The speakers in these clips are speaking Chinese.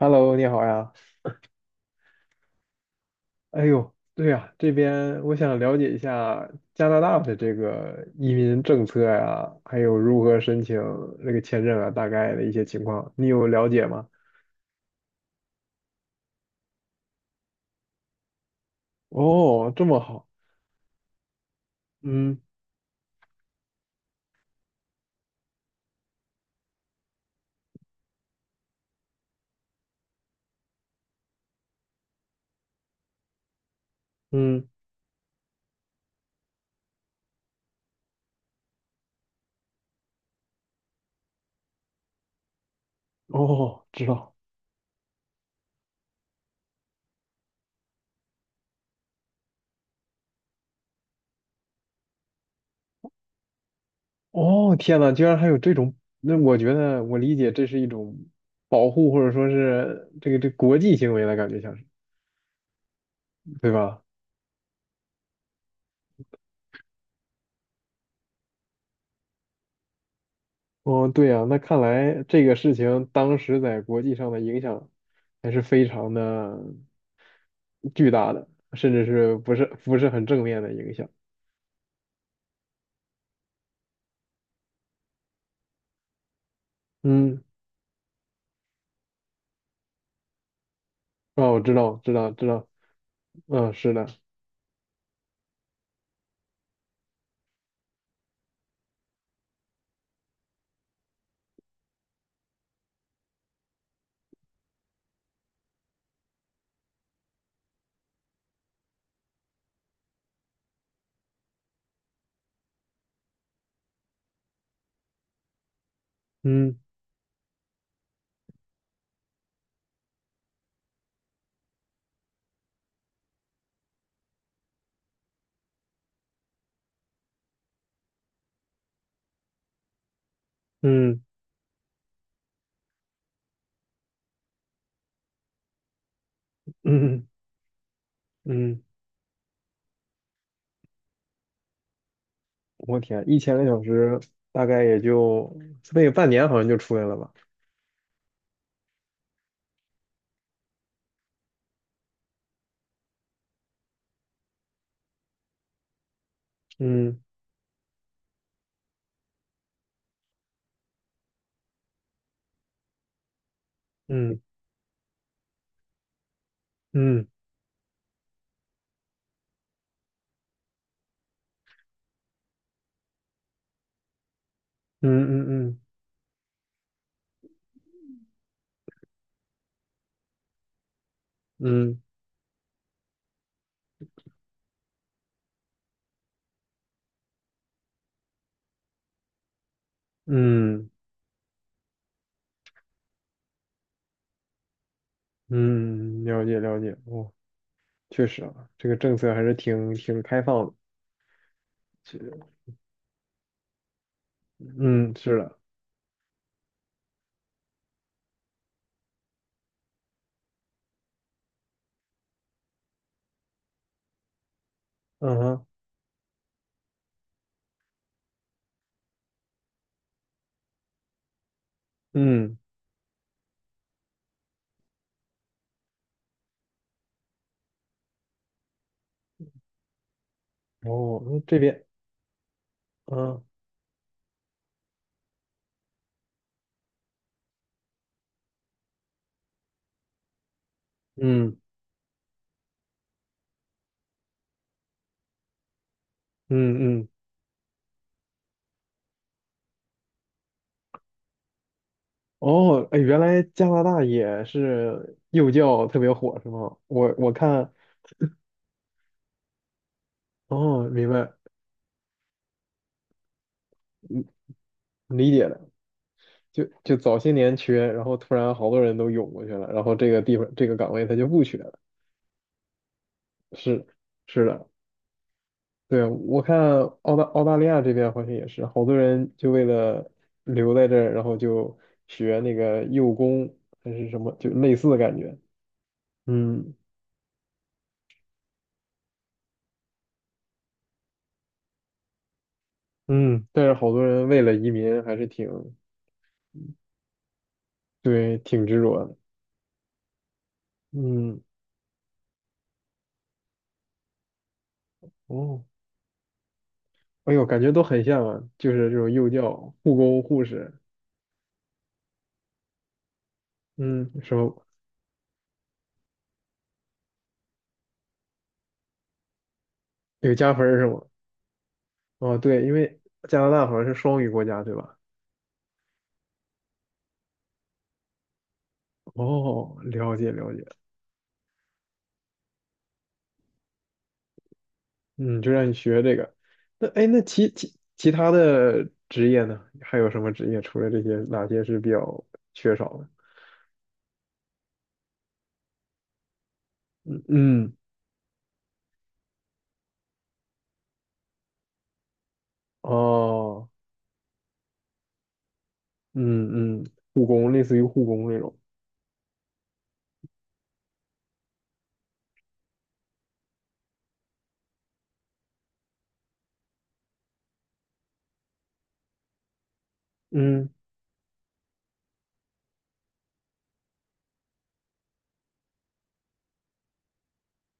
Hello，你好呀。哎呦，对呀，这边我想了解一下加拿大的这个移民政策呀，还有如何申请这个签证啊，大概的一些情况，你有了解吗？哦，这么好。嗯嗯。哦，知道。哦，天呐，居然还有这种，那我觉得我理解这是一种保护，或者说是这国际行为的感觉，像是，对吧？哦，对呀，那看来这个事情当时在国际上的影响还是非常的巨大的，甚至是不是不是很正面的影响。嗯，哦，我知道，知道，知道。嗯，是的，嗯嗯嗯嗯。我天，1000个小时大概也就那个半年，好像就出来了吧？嗯嗯嗯嗯嗯嗯嗯嗯嗯，了解了解，哦。确实啊，这个政策还是挺开放的。是。嗯，是的，嗯哼，嗯，哦，那这边，嗯嗯嗯嗯。哦，哎，原来加拿大也是幼教特别火，是吗？我看，哦，明白，嗯，理解了。就早些年缺，然后突然好多人都涌过去了，然后这个地方这个岗位他就不缺了，是是的，对，我看澳大利亚这边好像也是，好多人就为了留在这儿，然后就学那个幼工还是什么，就类似的感觉。嗯嗯，但是好多人为了移民还是挺，对，挺执着的。嗯，哦，哎呦，感觉都很像啊，就是这种幼教、护工、护士。嗯，什么有加分儿是吗？哦，对，因为加拿大好像是双语国家，对吧？哦，了解了解。嗯，就让你学这个。那哎，那其他的职业呢？还有什么职业？除了这些，哪些是比较缺少的？嗯嗯，哦，嗯嗯，护工，类似于护工那种。嗯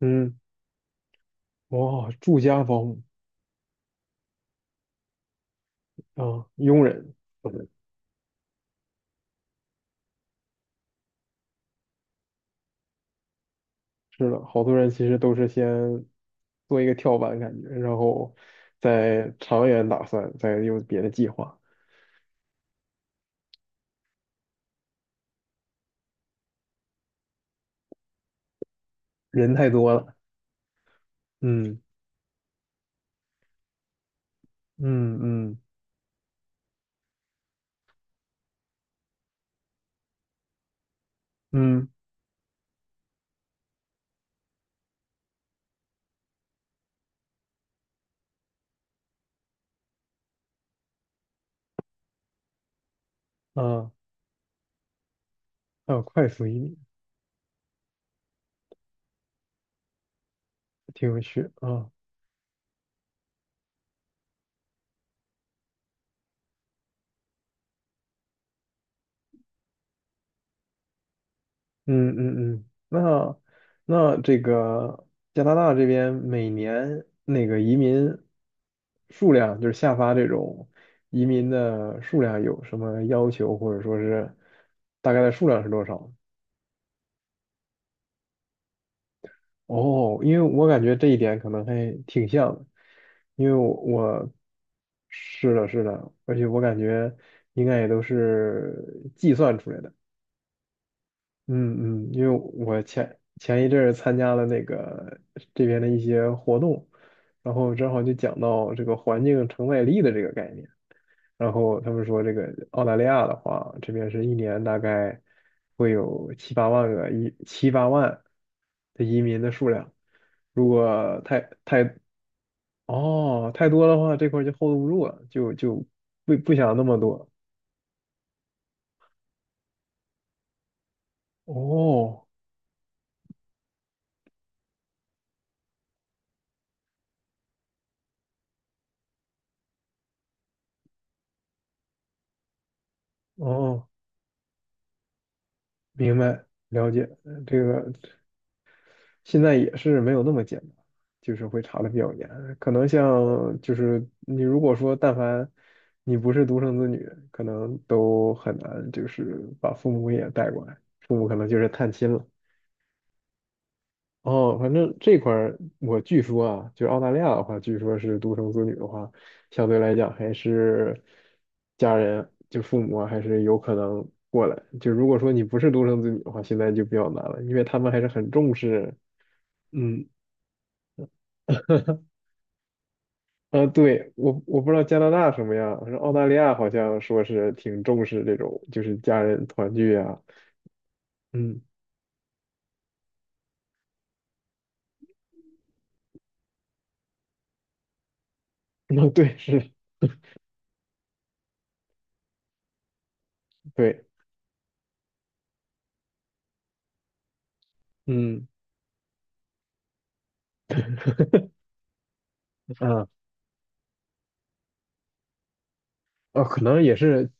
嗯，哇，住家保姆啊，佣人。嗯，是的，好多人其实都是先做一个跳板感觉，然后再长远打算，再有别的计划。人太多了。嗯嗯嗯嗯啊。啊，快速移民，挺有趣啊。嗯嗯嗯，那这个加拿大这边每年那个移民数量，就是下发这种移民的数量有什么要求，或者说是大概的数量是多少？哦，因为我感觉这一点可能还挺像的，因为我是的，是的。而且我感觉应该也都是计算出来的。嗯嗯，因为我前一阵儿参加了那个这边的一些活动，然后正好就讲到这个环境承载力的这个概念，然后他们说这个澳大利亚的话，这边是一年大概会有七八万的移民的数量，如果太多的话，这块儿就 hold 不住了，就不想那么多。哦哦，明白，了解这个。现在也是没有那么简单，就是会查的比较严。可能像就是你如果说但凡你不是独生子女，可能都很难就是把父母也带过来，父母可能就是探亲了。哦，反正这块儿我据说啊，就是澳大利亚的话，据说是独生子女的话，相对来讲还是家人就父母啊还是有可能过来。就如果说你不是独生子女的话，现在就比较难了，因为他们还是很重视，嗯。啊，对，我不知道加拿大什么样，反正澳大利亚好像说是挺重视这种，就是家人团聚啊。嗯，啊，对，是，对，嗯，啊，哦，可能也是，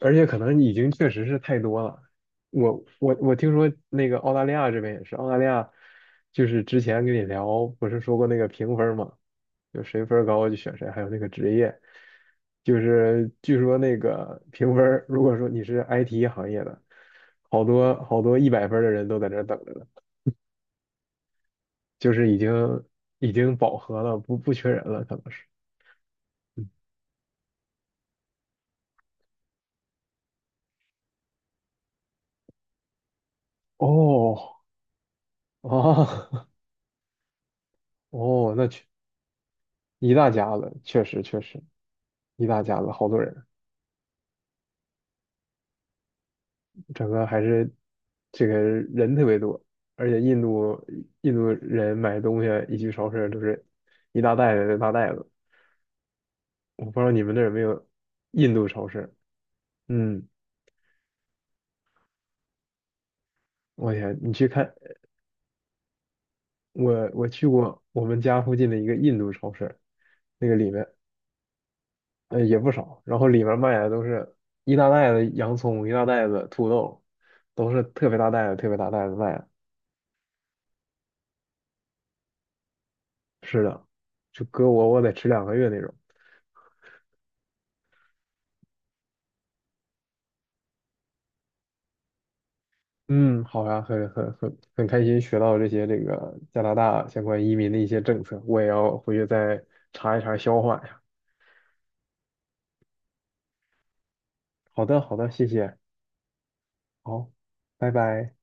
而且可能已经确实是太多了。我听说那个澳大利亚这边也是，澳大利亚就是之前跟你聊，不是说过那个评分嘛，就谁分儿高就选谁，还有那个职业，就是据说那个评分儿如果说你是 IT 行业的，好多好多100分儿的人都在这儿等着呢，就是已经饱和了，不缺人了，可能是。嗯，哦哦 哦，那确。一大家子，确实确实一大家子，好多人，整个还是这个人特别多，而且印度人买东西一去超市就是一大袋子一大袋子。我不知道你们那儿有没有印度超市？嗯，我天，你去看我去过我们家附近的一个印度超市，那个里面也不少，然后里面卖的都是一大袋子洋葱，一大袋子土豆，都是特别大袋子特别大袋子卖，是的。就搁我得吃2个月那种。嗯，好呀，很开心学到这些这个加拿大相关移民的一些政策，我也要回去再查一查消化呀。好的，好的，谢谢，好，拜拜。